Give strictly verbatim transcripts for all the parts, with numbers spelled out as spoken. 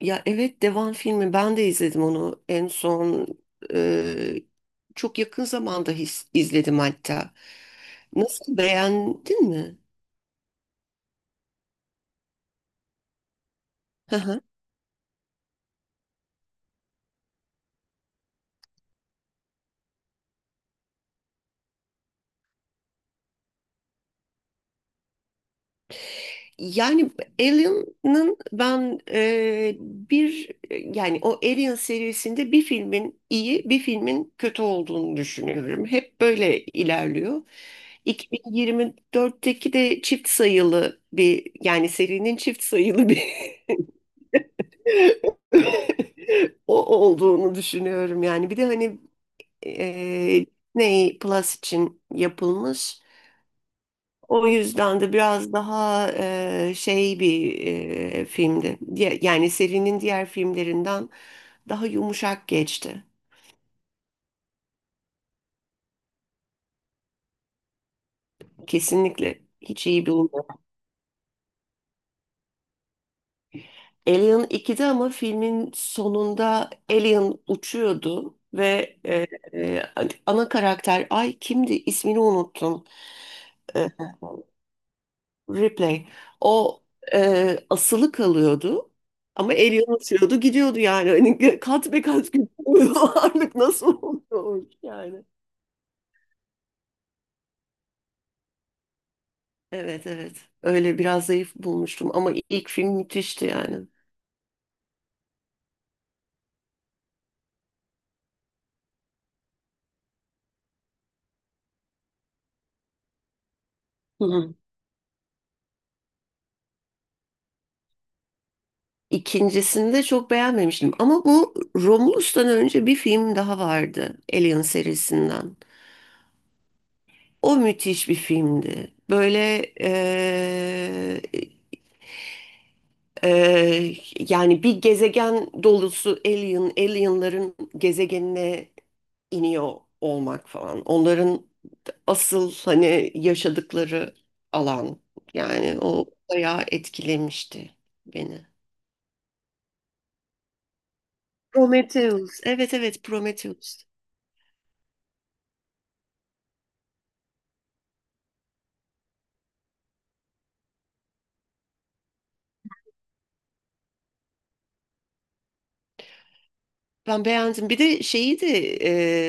Ya evet, Devan filmi ben de izledim onu en son, e, çok yakın zamanda his- izledim hatta. Nasıl, beğendin mi? Hı hı. Yani Alien'ın ben e, bir yani o Alien serisinde bir filmin iyi, bir filmin kötü olduğunu düşünüyorum. Hep böyle ilerliyor. iki bin yirmi dörtteki de çift sayılı bir, yani serinin çift sayılı bir o olduğunu düşünüyorum yani. Bir de hani, e, Disney Plus için yapılmış. O yüzden de biraz daha e, şey bir e, filmdi. Diye- Yani serinin diğer filmlerinden daha yumuşak geçti. Kesinlikle hiç iyi bulmuyorum. Alien ikide ama filmin sonunda Alien uçuyordu ve e, e, ana karakter, ay kimdi, ismini unuttum. E, Replay. O e, asılı kalıyordu ama el yanaşıyordu gidiyordu yani. Hani kat be kat gidiyordu. Ağırlık nasıl oluyormuş yani. Evet, evet. Öyle biraz zayıf bulmuştum ama ilk film müthişti yani. Hı hı. İkincisini de çok beğenmemiştim. Ama bu Romulus'tan önce bir film daha vardı. Alien serisinden. O müthiş bir filmdi. Böyle eee, Ee, yani bir gezegen dolusu alien, alienların gezegenine iniyor olmak falan. Onların asıl hani yaşadıkları alan. Yani o bayağı etkilemişti beni. Prometheus. Evet, evet, Prometheus. Ben beğendim. Bir de şeyi de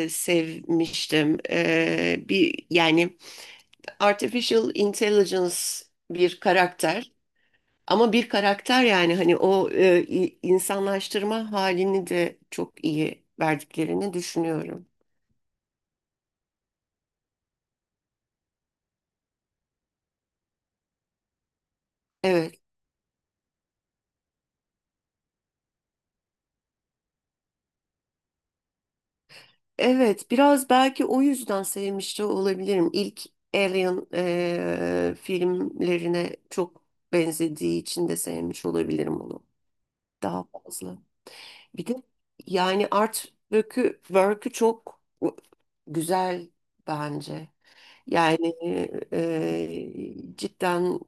e, sevmiştim. E, bir, yani artificial intelligence bir karakter. Ama bir karakter, yani hani o e, i- insanlaştırma halini de çok iyi verdiklerini düşünüyorum. Evet, evet, biraz belki o yüzden sevmiş de olabilirim. İlk Alien e, filmlerine çok benzediği için de sevmiş olabilirim onu daha fazla. Bir de yani art work'ü work'ü çok güzel bence. Yani, e, cidden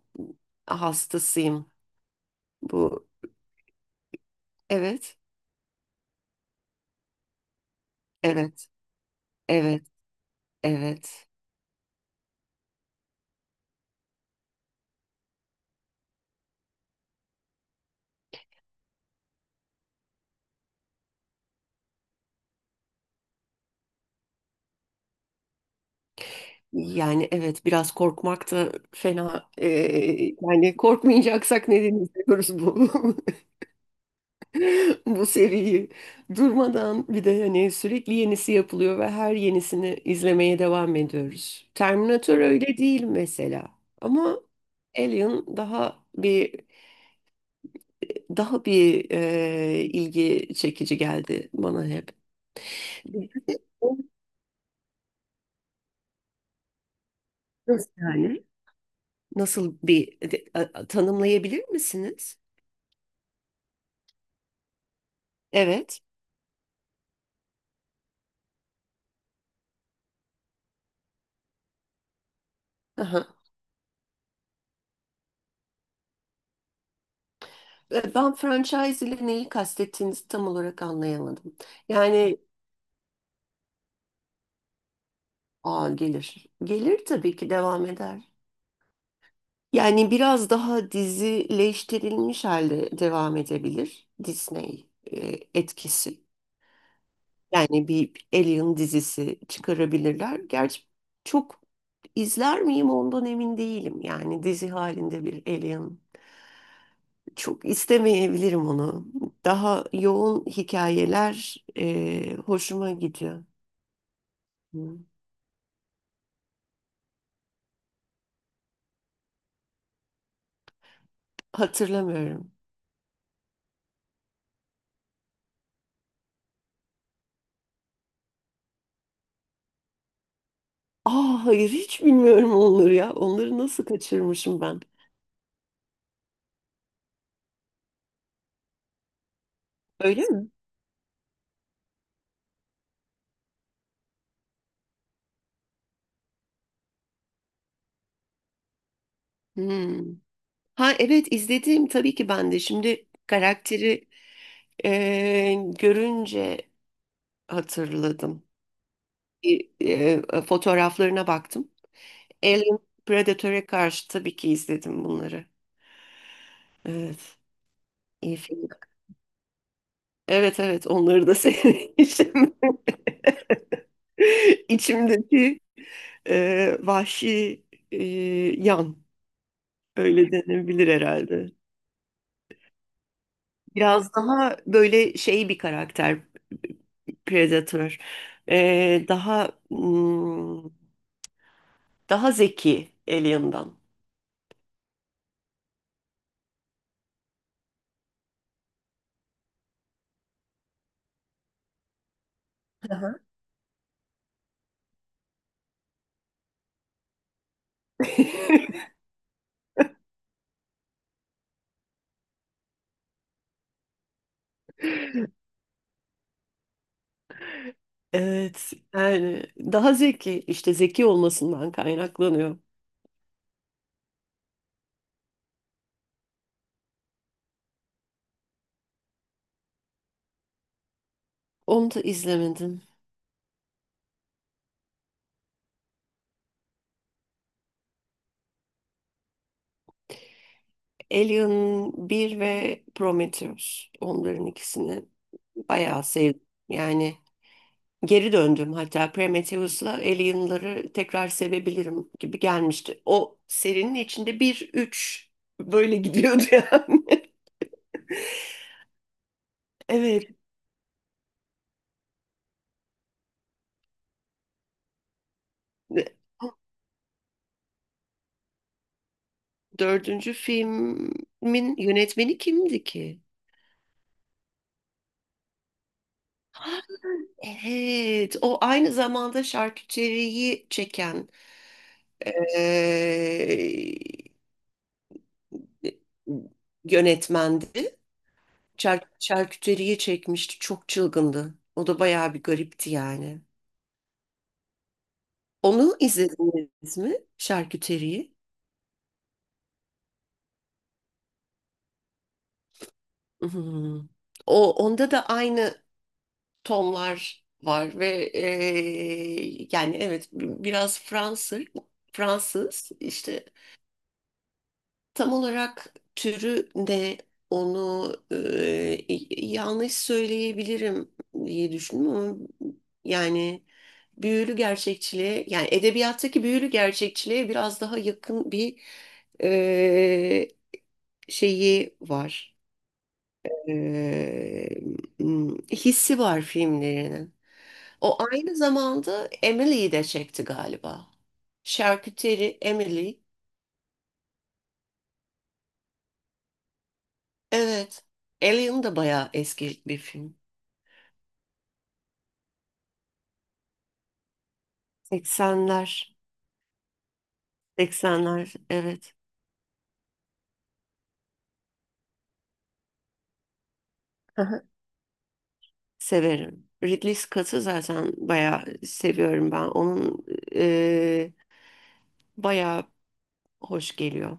hastasıyım. Bu. Evet, evet, evet, evet. Yani evet, biraz korkmak da fena. Ee, yani korkmayacaksak neden izliyoruz bu bu seriyi durmadan. Bir de hani sürekli yenisi yapılıyor ve her yenisini izlemeye devam ediyoruz. Terminator öyle değil mesela ama Alien daha bir daha bir e, ilgi çekici geldi bana hep. Bir de o. Nasıl yani? Nasıl bir de- a- tanımlayabilir misiniz? Evet. Aha. E, Ben franchise ile neyi kastettiğinizi tam olarak anlayamadım. Yani, aa, gelir. Gelir tabii ki, devam eder. Yani biraz daha dizileştirilmiş halde devam edebilir, Disney e, etkisi. Yani bir Alien dizisi çıkarabilirler. Gerçi çok izler miyim ondan emin değilim. Yani dizi halinde bir Alien, çok istemeyebilirim onu. Daha yoğun hikayeler e, hoşuma gidiyor. Hı. Hatırlamıyorum. Aa, hayır, hiç bilmiyorum onları ya. Onları nasıl kaçırmışım ben? Öyle mi? Hmm. Ha evet, izlediğim tabii ki ben de. Şimdi karakteri e, görünce hatırladım. Bir, e, fotoğraflarına baktım. Alien Predator'e karşı tabii ki izledim bunları. Evet. iyi film. Evet, evet, onları da sevmişim. İçimdeki e, vahşi e, yan, öyle denebilir herhalde. Biraz daha böyle şey bir karakter, Predator. E, daha hmm, daha zeki Alien'dan. Aha. Evet yani daha zeki, işte zeki olmasından kaynaklanıyor. Onu da izlemedim. Alien bir ve Prometheus. Onların ikisini bayağı sevdim. Yani geri döndüm hatta, Prometheus'la Alien'ları tekrar sevebilirim gibi gelmişti. O serinin içinde bir üç böyle gidiyordu yani. Evet. Dördüncü filmin yönetmeni kimdi ki? Ha, evet, o aynı zamanda şarküteriyi çeken, eee, yönetmendi. Çar- şarküteriyi çekmişti. Çok çılgındı. O da bayağı bir garipti yani. Onu izlediniz mi? Şarküteriyi. Hmm. O onda da aynı tonlar var ve eee, yani evet, bi- biraz Fransız, Fransız işte. Tam olarak türü ne, onu e, yanlış söyleyebilirim diye düşündüm ama yani büyülü gerçekçiliğe, yani edebiyattaki büyülü gerçekçiliğe biraz daha yakın bir e, şeyi var. E, hmm, Hissi var filmlerinin. O aynı zamanda Emily'yi de çekti galiba. Şarküteri Emily. Evet. Alien da bayağı eski bir film. seksenler. seksenler, evet. Hı hı. Severim. Ridley Scott'ı zaten bayağı seviyorum ben. Onun eee bayağı hoş geliyor.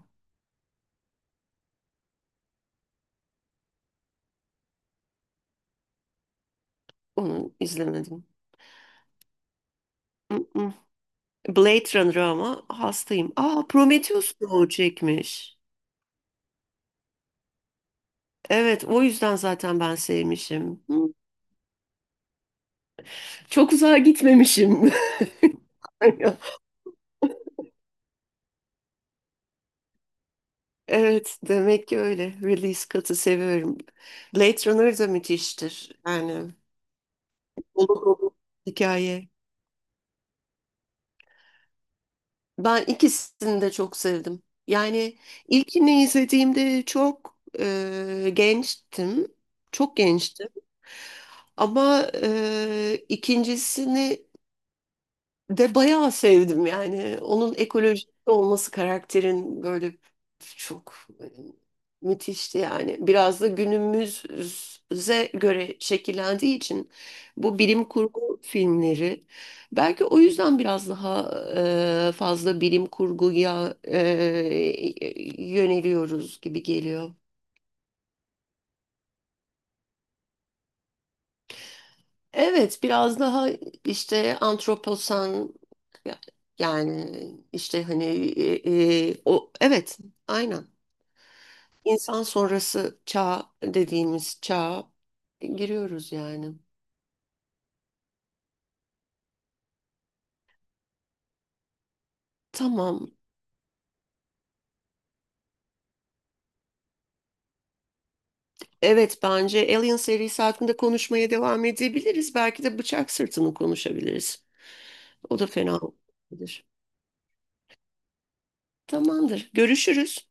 Onu izlemedim. Mm-mm. Blade Runner ama hastayım. Aa, Prometheus da o çekmiş. Evet, o yüzden zaten ben sevmişim. Hı. Çok uzağa gitmemişim. Evet demek ki öyle. Ridley Scott'ı seviyorum. Blade Runner da müthiştir. Yani dolu dolu hikaye. Ben ikisini de çok sevdim. Yani ilkini izlediğimde çok e, gençtim. Çok gençtim. Ama e, ikincisini. Ve bayağı sevdim yani. Onun ekolojik olması, karakterin böyle çok e, müthişti yani. Biraz da günümüze göre şekillendiği için bu bilim kurgu filmleri, belki o yüzden biraz daha e, fazla bilim kurguya e, yöneliyoruz gibi geliyor. Evet, biraz daha işte antroposan, ya- yani işte hani e, e, o, evet, aynen, insan sonrası çağ dediğimiz çağa giriyoruz yani. Tamam. Evet, bence Alien serisi hakkında konuşmaya devam edebiliriz. Belki de Bıçak Sırtı'nı konuşabiliriz. O da fena olabilir. Tamamdır. Görüşürüz.